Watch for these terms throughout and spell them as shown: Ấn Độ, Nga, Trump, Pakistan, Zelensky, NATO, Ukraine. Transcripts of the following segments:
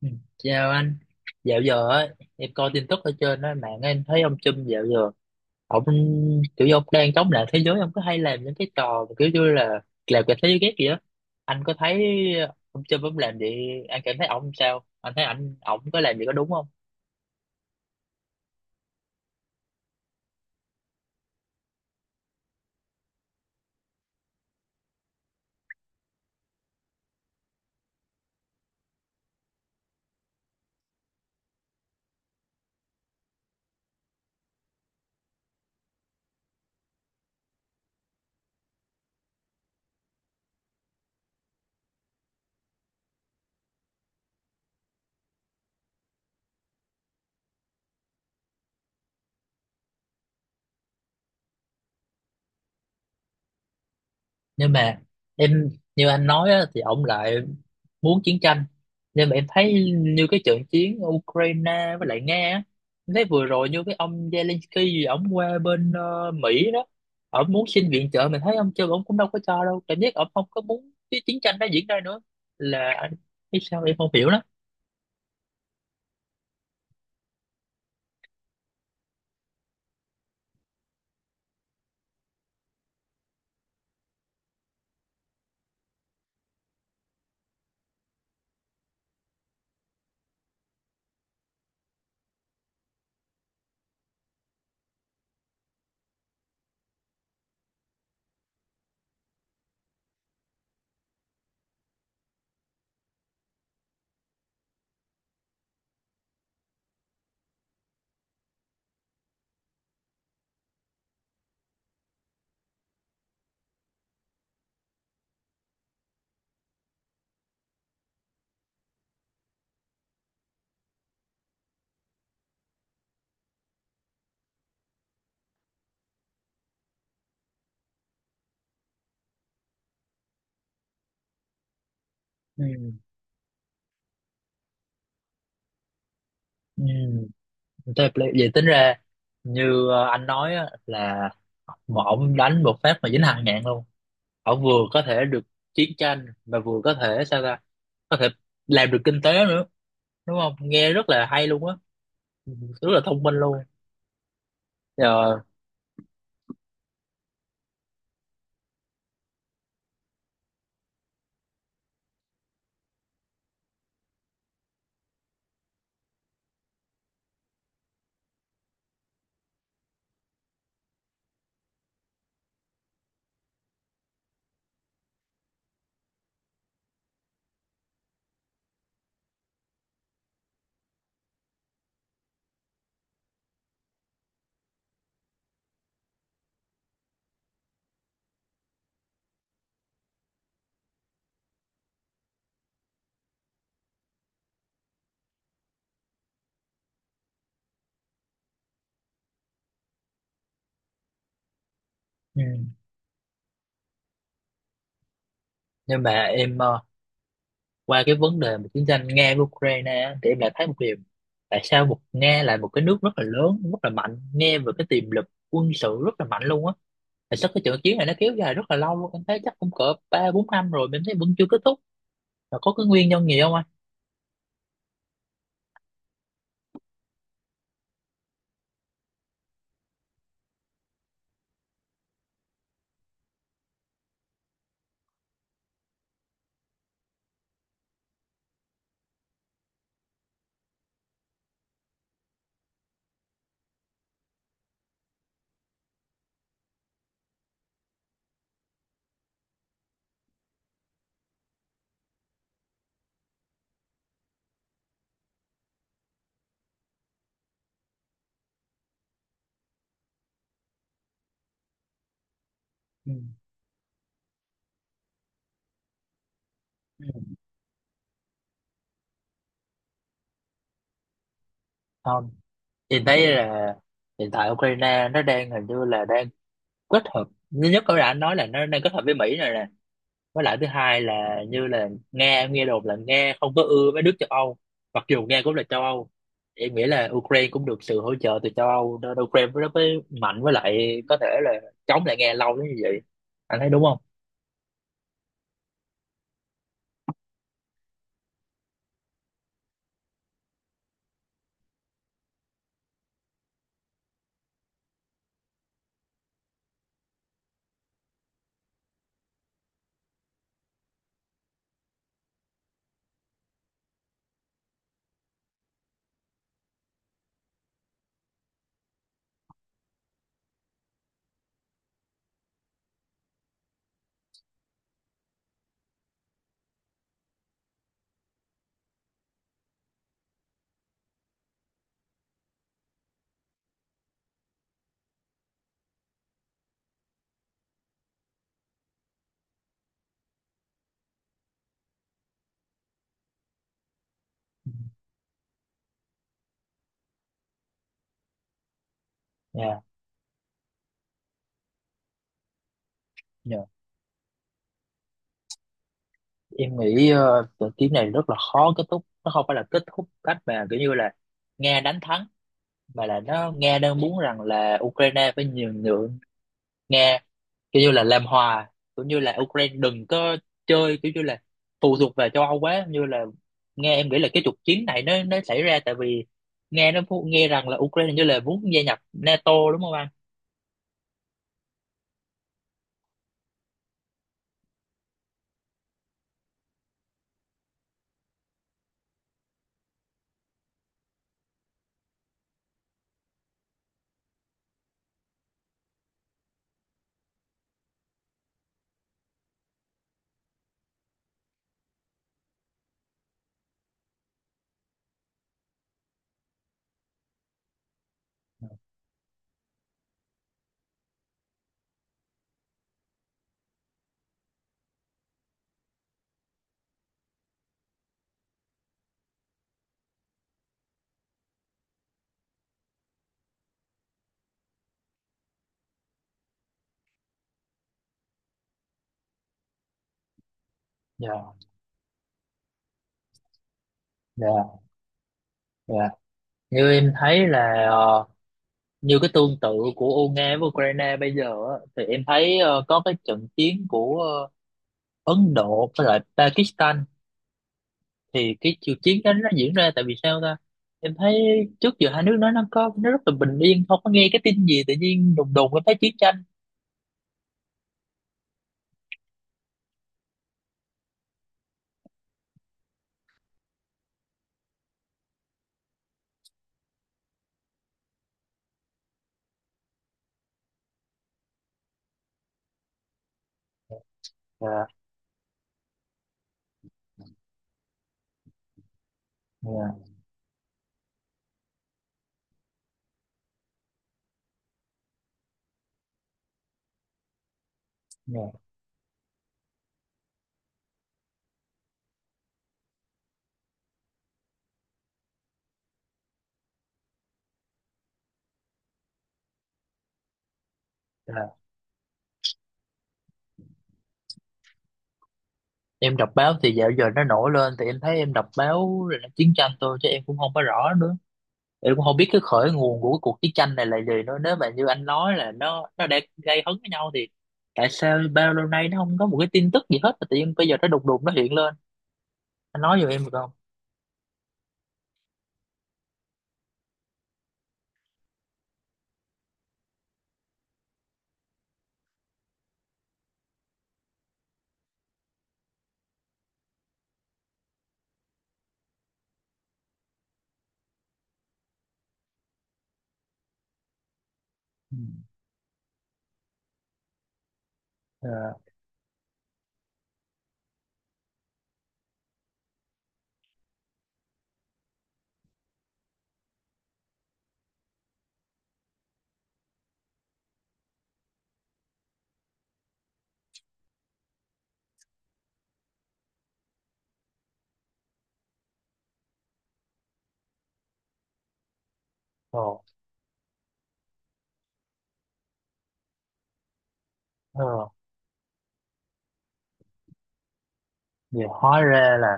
Ừ. Chào anh, dạo giờ ấy, em coi tin tức ở trên đó, mạng em thấy ông Trump dạo giờ ông kiểu như ông đang chống lại thế giới. Ông có hay làm những cái trò mà kiểu như là làm cả thế giới ghét gì á, anh có thấy ông Trump ông làm gì, anh cảm thấy ông sao, anh thấy ảnh ổng có làm gì có đúng không? Nhưng mà em, như anh nói á, thì ông lại muốn chiến tranh, nhưng mà em thấy như cái trận chiến ở Ukraine với lại Nga á, em thấy vừa rồi như cái ông Zelensky gì ông qua bên Mỹ đó, ông muốn xin viện trợ mình thấy ông chưa, ông cũng đâu có cho đâu, cảm giác ông không có muốn cái chiến tranh nó diễn ra nữa. Là anh biết sao, em không hiểu lắm. Ừ. Ừ. Thế là vậy, tính ra như anh nói á, là mà ông đánh một phát mà dính hàng ngàn luôn, họ vừa có thể được chiến tranh mà vừa có thể sao ta, có thể làm được kinh tế nữa, đúng không, nghe rất là hay luôn á. Ừ, rất là thông minh luôn. Ờ, ừ. Nhưng mà em, qua cái vấn đề mà chiến tranh Nga với Ukraine á, thì em lại thấy một điều, tại sao một Nga là một cái nước rất là lớn, rất là mạnh, nghe về cái tiềm lực quân sự rất là mạnh luôn á, tại sao cái trận chiến này nó kéo dài rất là lâu luôn, em thấy chắc cũng cỡ ba bốn năm rồi mà em thấy vẫn chưa kết thúc, là có cái nguyên nhân gì không anh? Ừ. Ừ. Không. Chị thấy là hiện tại Ukraine nó đang hình như là đang kết hợp, thứ nhất có đã nói là nó đang kết hợp với Mỹ rồi nè, với lại thứ hai là như là Nga, em nghe đồn là Nga không có ưa với nước châu Âu, mặc dù Nga cũng là châu Âu. Em nghĩ là Ukraine cũng được sự hỗ trợ từ châu Âu nên Ukraine nó mới mạnh, với lại có thể là chống lại Nga lâu đến như vậy. Anh thấy đúng không? Dạ, dạ. Em nghĩ trận chiến này rất là khó kết thúc. Nó không phải là kết thúc cách mà kiểu như là Nga đánh thắng, mà là nó, Nga đang muốn rằng là Ukraine phải nhường nhượng Nga, kiểu như là làm hòa, cũng như là Ukraine đừng có chơi kiểu như là phụ thuộc về châu Âu quá, như là nghe em nghĩ là cái trục chiến này nó xảy ra tại vì nghe nó phu-, nghe rằng là Ukraine như là muốn gia nhập NATO, đúng không anh? Dạ, dạ, dạ. Như em thấy là như cái tương tự của Ô- Nga với Ukraine bây giờ á, thì em thấy có cái trận chiến của Ấn Độ với lại Pakistan, thì cái cuộc chiến đó nó diễn ra tại vì sao ta, em thấy trước giờ hai nước nó có nó rất là bình yên, không có nghe cái tin gì, tự nhiên đùng đùng em thấy chiến tranh. Dạ, dạ, dạ, dạ. Em đọc báo thì dạo giờ nó nổi lên thì em thấy em đọc báo là chiến tranh thôi chứ em cũng không có rõ nữa, em cũng không biết cái khởi nguồn của cái cuộc chiến tranh này là gì nữa. Nếu mà như anh nói là nó đã gây hấn với nhau thì tại sao bao lâu nay nó không có một cái tin tức gì hết mà tự nhiên bây giờ nó đùng đùng nó hiện lên? Anh nói giùm em được không? Ừ. Dạ. Ồ. Ờ. Nhiều hóa ra là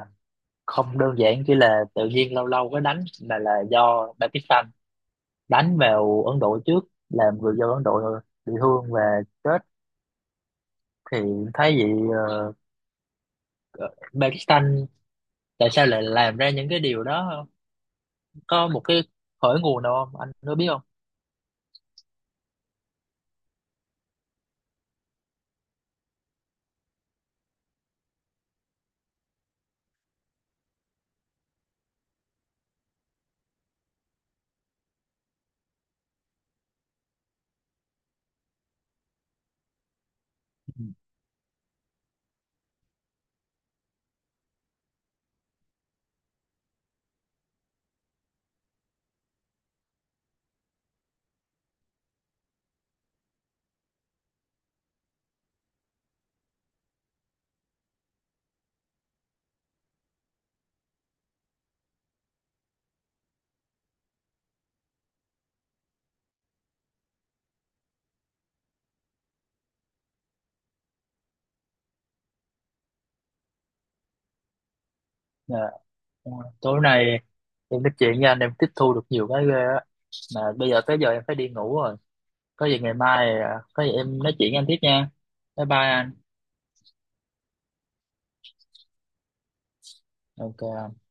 không đơn giản chỉ là tự nhiên lâu lâu cái đánh, mà là do Pakistan đánh vào Ấn Độ trước, làm người dân Ấn Độ bị thương và chết. Thì thấy vậy, ờ, ờ, Pakistan tại sao lại làm ra những cái điều đó không? Có một cái khởi nguồn nào không? Anh có biết không? Ừ. Dạ. Tối nay em nói chuyện với anh, em tiếp thu được nhiều cái ghê á, mà bây giờ tới giờ em phải đi ngủ rồi, có gì ngày mai à, có gì em nói chuyện với anh tiếp nha. Bye bye anh. Ok.